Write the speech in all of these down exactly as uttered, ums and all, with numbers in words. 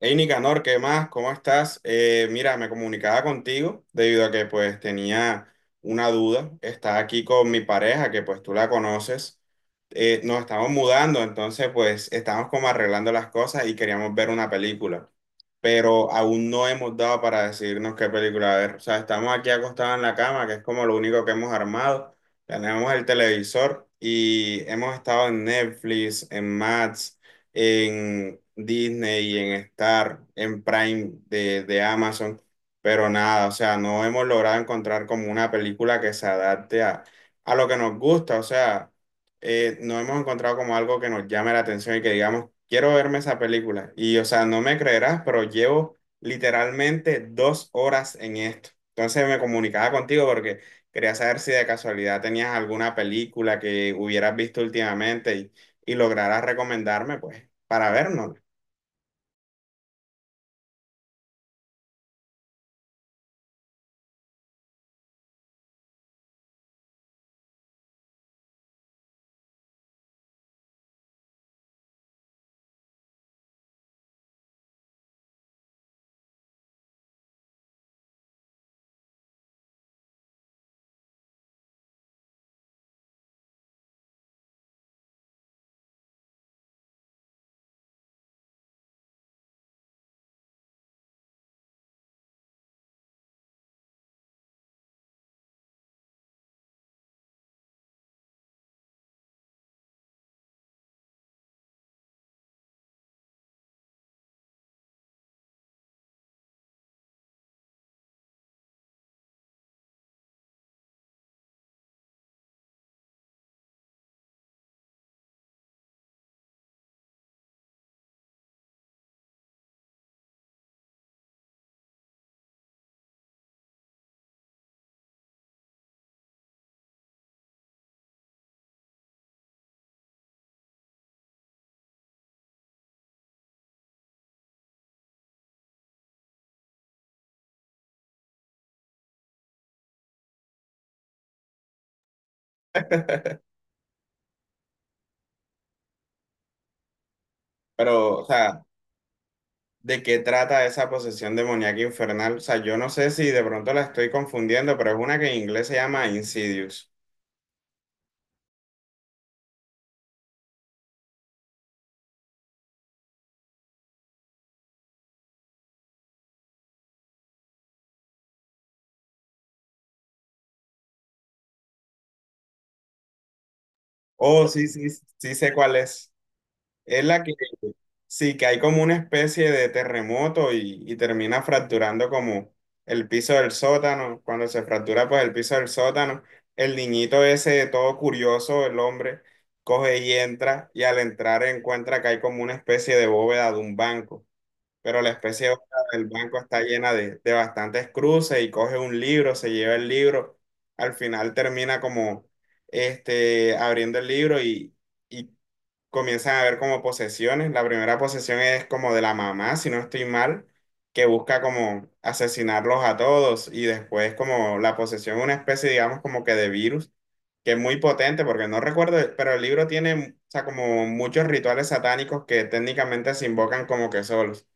Hey Nicanor, ¿qué más? ¿Cómo estás? Eh, mira, me comunicaba contigo debido a que pues tenía una duda. Está aquí con mi pareja, que pues tú la conoces. Eh, nos estamos mudando, entonces pues estamos como arreglando las cosas y queríamos ver una película, pero aún no hemos dado para decirnos qué película ver. O sea, estamos aquí acostados en la cama, que es como lo único que hemos armado. Tenemos el televisor y hemos estado en Netflix, en Max, en Disney y en Star, en Prime de, de Amazon, pero nada, o sea, no hemos logrado encontrar como una película que se adapte a, a lo que nos gusta, o sea, eh, no hemos encontrado como algo que nos llame la atención y que digamos, quiero verme esa película. Y o sea, no me creerás, pero llevo literalmente dos horas en esto. Entonces me comunicaba contigo porque quería saber si de casualidad tenías alguna película que hubieras visto últimamente y y lograra recomendarme, pues, para vernos. Pero, o sea, ¿de qué trata esa posesión demoníaca infernal? O sea, yo no sé si de pronto la estoy confundiendo, pero es una que en inglés se llama Insidious. Oh, sí, sí, sí sé cuál es. Es la que sí, que hay como una especie de terremoto y, y termina fracturando como el piso del sótano. Cuando se fractura pues el piso del sótano, el niñito ese todo curioso, el hombre, coge y entra y al entrar encuentra que hay como una especie de bóveda de un banco. Pero la especie de bóveda del banco está llena de, de bastantes cruces y coge un libro, se lleva el libro. Al final termina como este, abriendo el libro y, y comienzan a haber como posesiones. La primera posesión es como de la mamá, si no estoy mal, que busca como asesinarlos a todos y después como la posesión, una especie, digamos, como que de virus, que es muy potente porque no recuerdo, pero el libro tiene, o sea, como muchos rituales satánicos que técnicamente se invocan como que solos.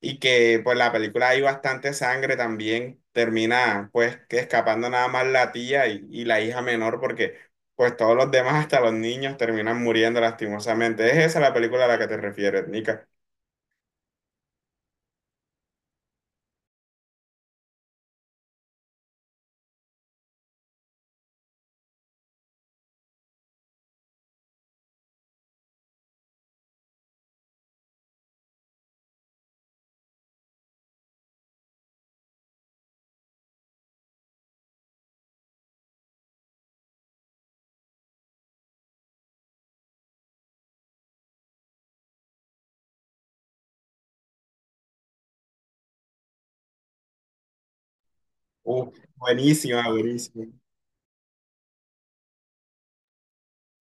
Y que pues la película hay bastante sangre también, termina pues que escapando nada más la tía y, y la hija menor porque pues todos los demás, hasta los niños, terminan muriendo lastimosamente. ¿Es esa la película a la que te refieres, Nica? Uh, buenísima, buenísima.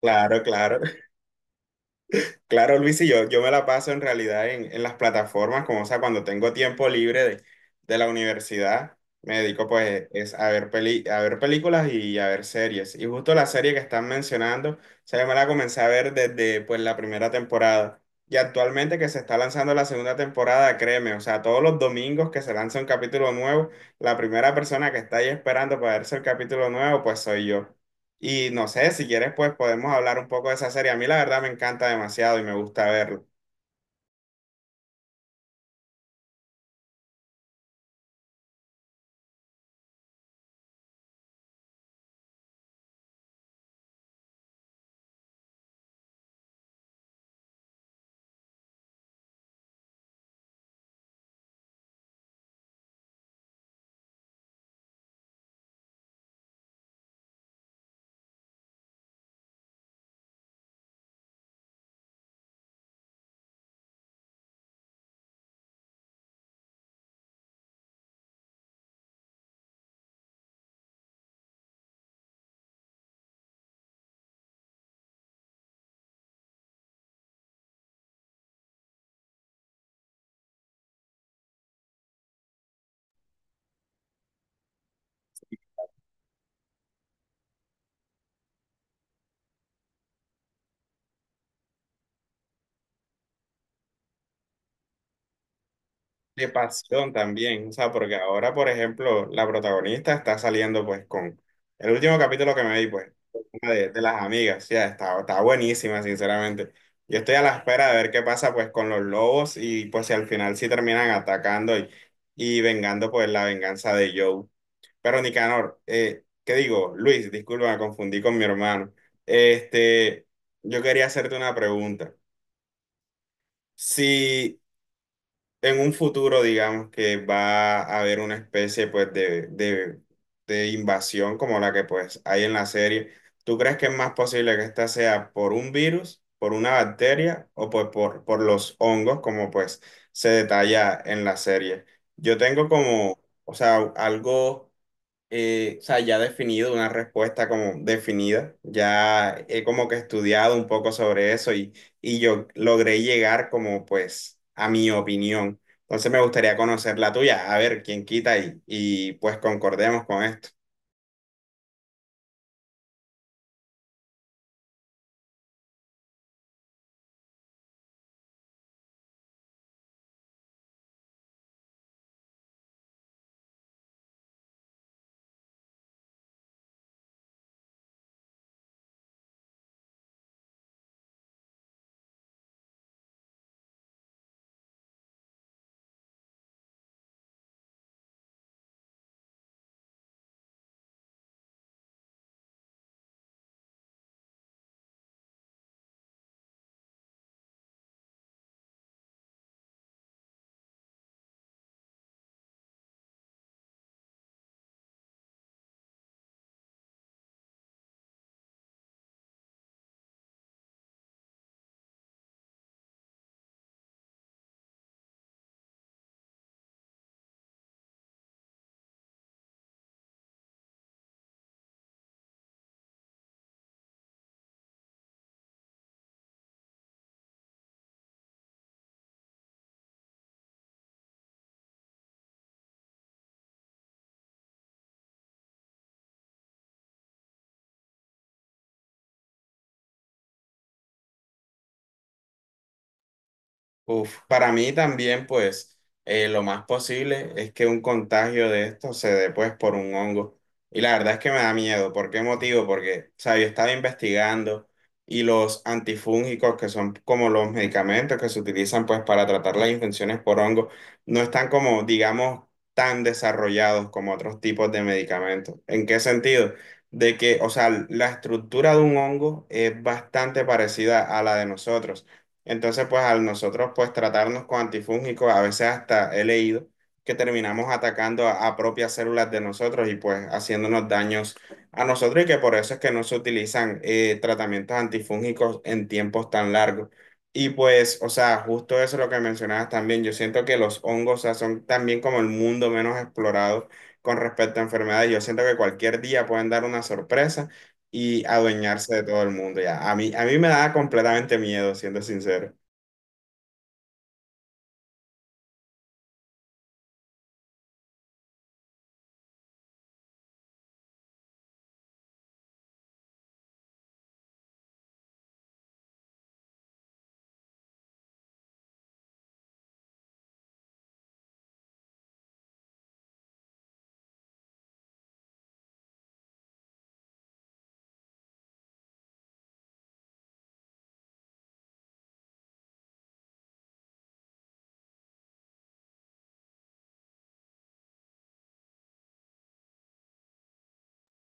Claro, claro. Claro, Luis, y yo, yo me la paso en realidad en, en las plataformas, como o sea, cuando tengo tiempo libre de, de la universidad, me dedico pues es a ver peli, a ver películas y a ver series. Y justo la serie que están mencionando, o sea, yo me la comencé a ver desde pues la primera temporada. Y actualmente que se está lanzando la segunda temporada, créeme, o sea, todos los domingos que se lanza un capítulo nuevo, la primera persona que está ahí esperando para verse el capítulo nuevo, pues soy yo. Y no sé, si quieres, pues podemos hablar un poco de esa serie. A mí la verdad me encanta demasiado y me gusta verlo. De pasión también, o sea, porque ahora, por ejemplo, la protagonista está saliendo pues con el último capítulo que me vi, pues, una de, de las amigas, ya está, está buenísima, sinceramente. Yo estoy a la espera de ver qué pasa pues con los lobos y pues si al final sí terminan atacando y, y vengando pues la venganza de Joe. Pero Nicanor, eh, ¿qué digo? Luis, disculpa, me confundí con mi hermano. Este, yo quería hacerte una pregunta. Si en un futuro, digamos, que va a haber una especie, pues, de, de, de invasión como la que, pues, hay en la serie, ¿tú crees que es más posible que esta sea por un virus, por una bacteria o, pues, por, por los hongos, como, pues, se detalla en la serie? Yo tengo como, o sea, algo eh, o sea, ya definido, una respuesta como definida. Ya he como que estudiado un poco sobre eso y, y yo logré llegar como pues a mi opinión. Entonces me gustaría conocer la tuya, a ver quién quita y, y pues concordemos con esto. Uf, para mí también, pues, eh, lo más posible es que un contagio de esto se dé, pues, por un hongo. Y la verdad es que me da miedo. ¿Por qué motivo? Porque, o sea, yo estaba investigando y los antifúngicos, que son como los medicamentos que se utilizan, pues, para tratar las infecciones por hongo, no están como, digamos, tan desarrollados como otros tipos de medicamentos. ¿En qué sentido? De que, o sea, la estructura de un hongo es bastante parecida a la de nosotros. Entonces, pues al nosotros pues tratarnos con antifúngicos, a veces hasta he leído que terminamos atacando a, a propias células de nosotros y pues haciéndonos daños a nosotros y que por eso es que no se utilizan eh, tratamientos antifúngicos en tiempos tan largos. Y pues, o sea, justo eso es lo que mencionabas también. Yo siento que los hongos, o sea, son también como el mundo menos explorado con respecto a enfermedades. Yo siento que cualquier día pueden dar una sorpresa y adueñarse de todo el mundo. Ya, a mí, a mí me da completamente miedo, siendo sincero.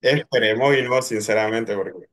Esperemos y no, sinceramente, porque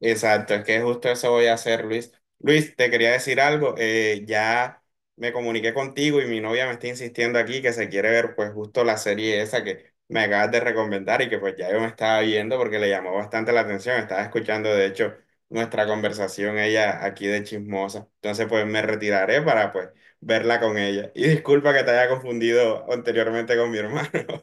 exacto, es que justo eso voy a hacer, Luis. Luis, te quería decir algo, eh, ya me comuniqué contigo y mi novia me está insistiendo aquí que se quiere ver pues justo la serie esa que me acabas de recomendar y que pues ya yo me estaba viendo porque le llamó bastante la atención, estaba escuchando de hecho nuestra conversación ella aquí de chismosa, entonces pues me retiraré para pues verla con ella. Y disculpa que te haya confundido anteriormente con mi hermano.